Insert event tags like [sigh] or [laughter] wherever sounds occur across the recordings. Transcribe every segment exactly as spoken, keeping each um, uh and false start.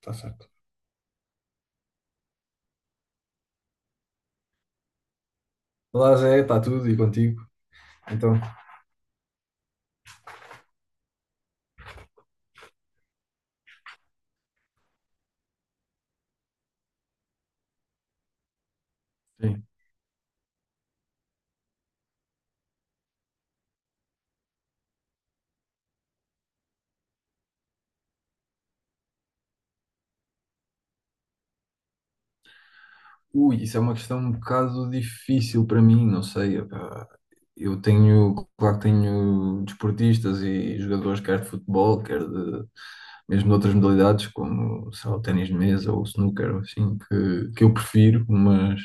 Está certo. Olá, Zé, está tudo e contigo? Então, sim. Ui, isso é uma questão um bocado difícil para mim, não sei. Epá. Eu tenho, claro que tenho desportistas e jogadores, quer de futebol, quer de mesmo de outras modalidades, como, sei lá, o ténis de mesa ou o snooker, ou assim, que, que eu prefiro, mas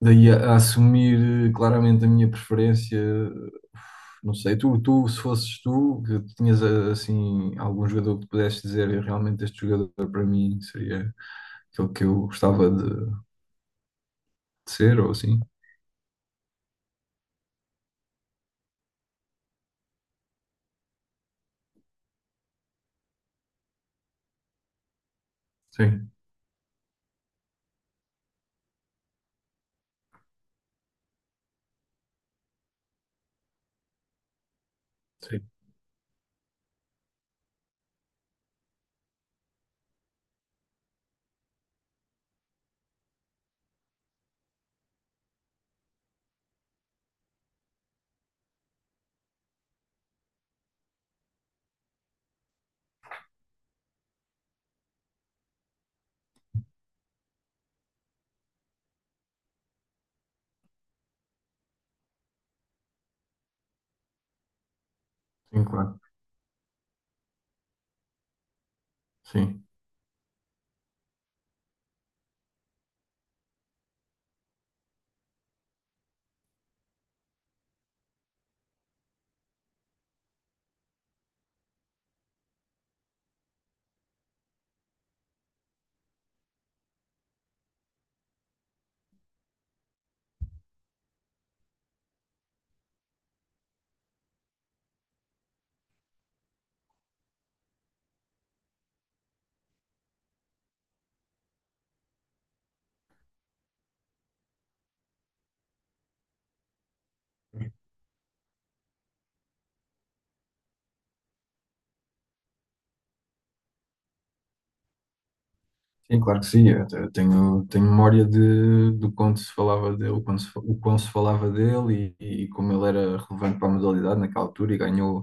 daí a, a assumir eh, claramente a minha preferência, eh, não sei, tu, tu se fosses tu, que tinhas eh, assim algum jogador que tu pudesses dizer "Eu realmente este jogador para mim seria aquele que eu gostava de, de ser, ou assim? Sim, sim, sim, claro, sim. Sim, claro que sim. Eu te- tenho, tenho memória de, do quanto se falava dele, o quanto se, fa- o quão se falava dele e, e como ele era relevante para a modalidade naquela altura e ganhou,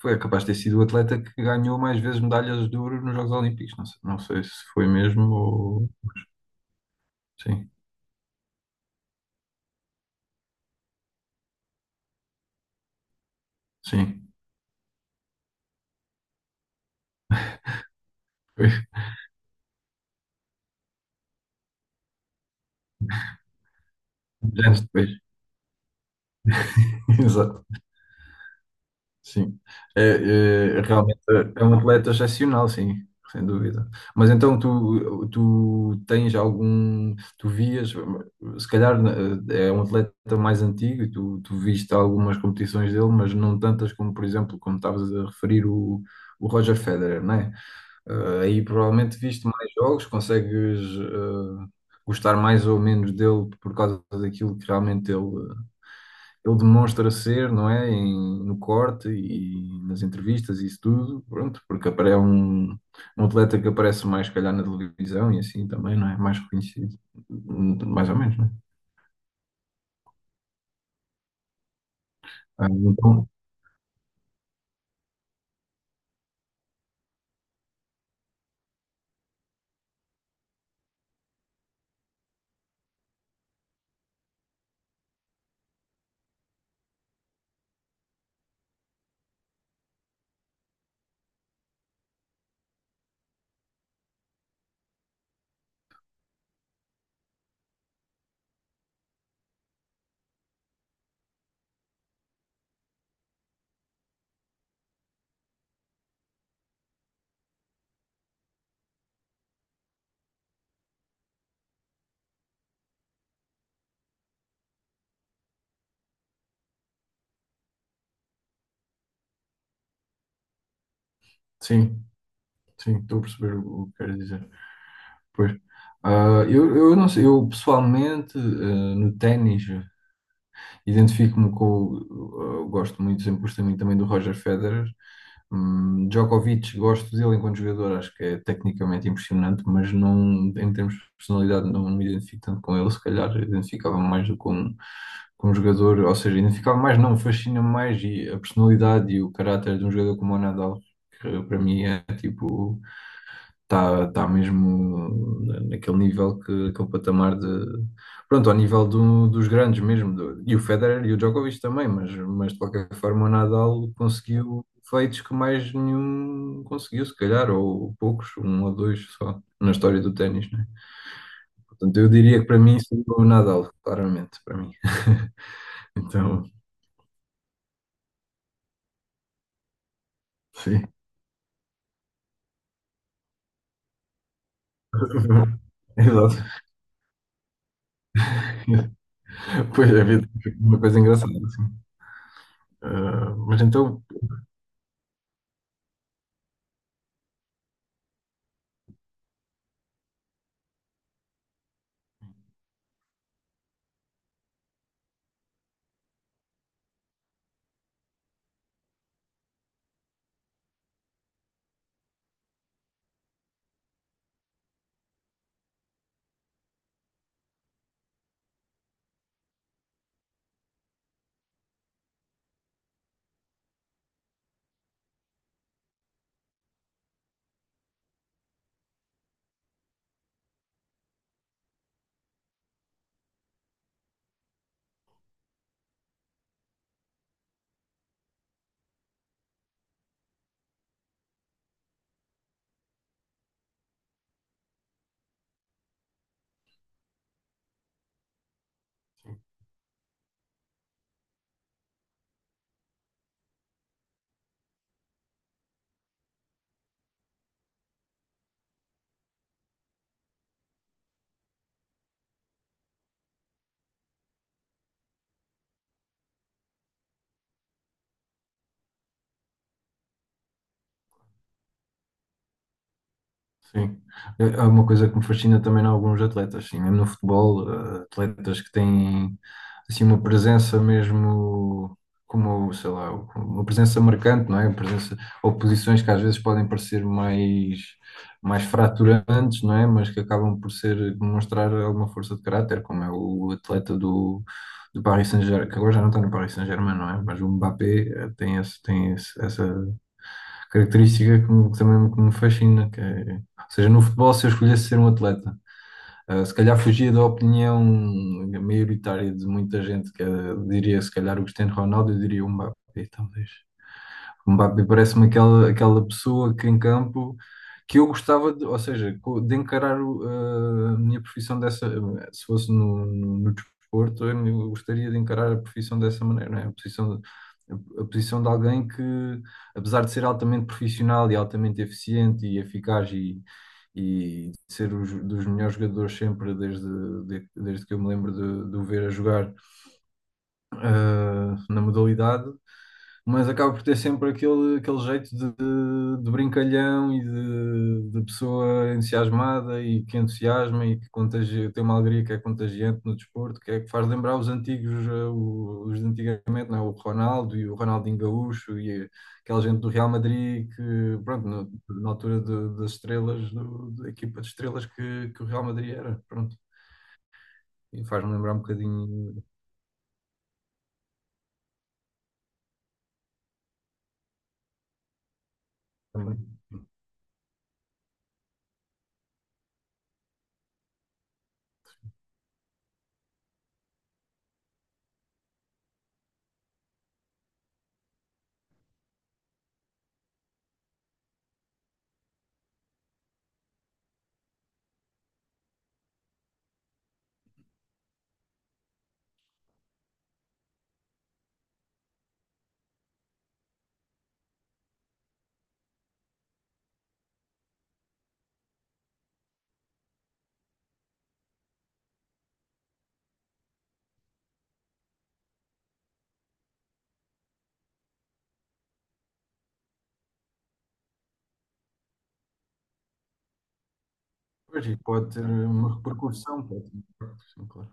foi é capaz de ter sido o atleta que ganhou mais vezes medalhas de ouro nos Jogos Olímpicos. Não sei, não sei se foi mesmo ou. Sim, sim. Foi [laughs] anos depois. [laughs] Exato. Sim, é, é, realmente é um atleta excepcional, sim, sem dúvida. Mas então tu, tu tens algum, tu vias, se calhar eh, é um atleta mais antigo e tu, tu viste algumas competições dele, mas não tantas como, por exemplo, como estavas a referir o, o Roger Federer, não é? Eh, aí provavelmente viste mais jogos, consegues eh, gostar mais ou menos dele por causa daquilo que realmente ele ele demonstra ser, não é? Em- no corte e nas entrevistas e isso tudo, pronto, porque apare- é um, um atleta que aparece mais, se calhar, na televisão e assim também, não é? Mais reconhecido, hum, mais ou menos, não é? Ah, então, sim, sim, estou a perceber o que queres dizer. Pois. Ah, eu, eu não sei, eu pessoalmente, ah, no ténis. Identifico-me com. O- eu gosto muito, sempre gostei muito também do Roger Federer. Hum, Djokovic, gosto dele enquanto jogador, acho que é tecnicamente impressionante, mas não, em termos de personalidade, não me identifico tanto com ele. Se calhar identificava-me mais do que com, com um jogador, ou seja, identificava mais, não, fascina-me mais e a personalidade e o caráter de um jogador como o Nadal, que para mim é tipo está tá mesmo na- naquele nível que aquele patamar de pronto, ao nível do- dos grandes mesmo, do- e o Federer e o Djokovic também, mas, mas de qualquer forma o Nadal conseguiu feitos que mais nenhum conseguiu, se calhar, ou poucos, um ou dois só, na história do ténis, né? Portanto, eu diria que para mim seria o Nadal, claramente, para mim. [laughs] Então, sim. [laughs] Exato. Pois é, é uma coisa engraçada, assim. Ah, mas então, sim. É é uma coisa que me fascina também em alguns atletas, sim, mesmo no futebol, eh, atletas que têm assim uma presença mesmo como, sei lá, uma presença marcante, não é? Uma presença ou posições que às vezes podem parecer mais mais fraturantes, não é? Mas que acabam por ser demonstrar alguma força de caráter, como é o atleta do do Paris Saint-Germain, que agora já não está no Paris Saint-Germain, não é? Mas o Mbappé eh, tem esse, tem esse, essa característica que, me- que também que me fascina, que é, ou seja, no futebol, se eu escolhesse ser um atleta, eh, se calhar fugia da opinião maioritária de muita gente, que eh, diria se calhar o Cristiano Ronaldo, eu diria o Mbappé, talvez. O Mbappé parece-me aquela, aquela pessoa que em campo que eu gostava de, ou seja, co- de encarar o- eh, a minha profissão dessa, se fosse no, no, no desporto, eu eu gostaria de encarar a profissão dessa maneira, não é? A posição de, a posição de alguém que, apesar de ser altamente profissional e altamente eficiente e eficaz e, e ser os, dos melhores jogadores sempre desde, de- desde que eu me lembro de, de o ver a jogar eh, na modalidade, mas acaba por ter sempre aquele, aquele jeito de, de, de brincalhão e de, de pessoa entusiasmada e que entusiasma e que contagia, tem uma alegria que é contagiante no desporto, que é que faz lembrar os antigos, eh, o- os de antigamente, não é? O Ronaldo e o Ronaldinho Gaúcho e aquela gente do Real Madrid que, pronto, no- na altura de- das estrelas, do- da equipa de estrelas que, que o Real Madrid era, pronto, e faz-me lembrar um bocadinho também. Pois, e pode ter uma repercussão, pode ter um impacto, sim, claro.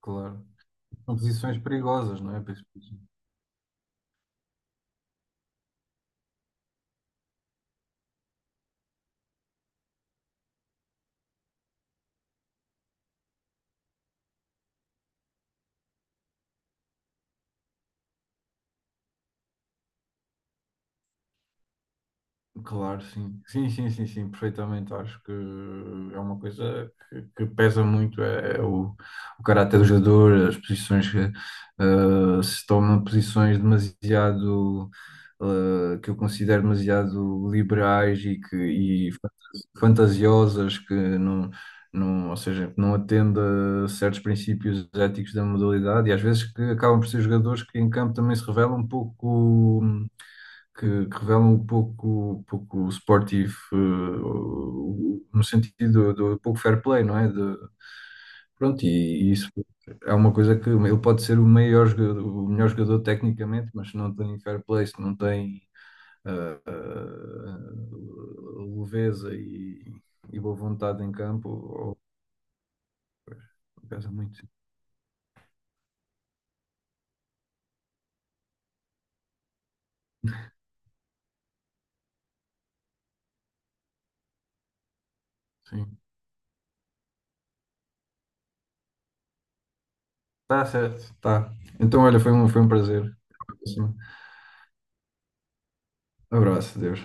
Claro. São posições perigosas, não é? Pois. Claro, sim. Sim, sim, sim, sim, perfeitamente. Acho que é uma coisa que, que pesa muito, é, é o, o caráter do jogador, as posições que eh, se tomam posições demasiado eh, que eu considero demasiado liberais e que e fantasiosas que não, não, ou seja, que não atende a certos princípios éticos da modalidade e às vezes que acabam por ser jogadores que em campo também se revelam um pouco que, que revelam um pouco, um pouco esportivo, eh, o- no sentido do, do pouco fair play, não é? De, pronto, e, e isso é uma coisa que ele pode ser o maior jogador, o melhor jogador tecnicamente, mas se não tem fair play, se não tem eh, eh, leveza e, e boa vontade em campo, ou. Pesa muito, sim. Tá certo, tá. Então, olha, foi um, foi um prazer. Abraço, Deus.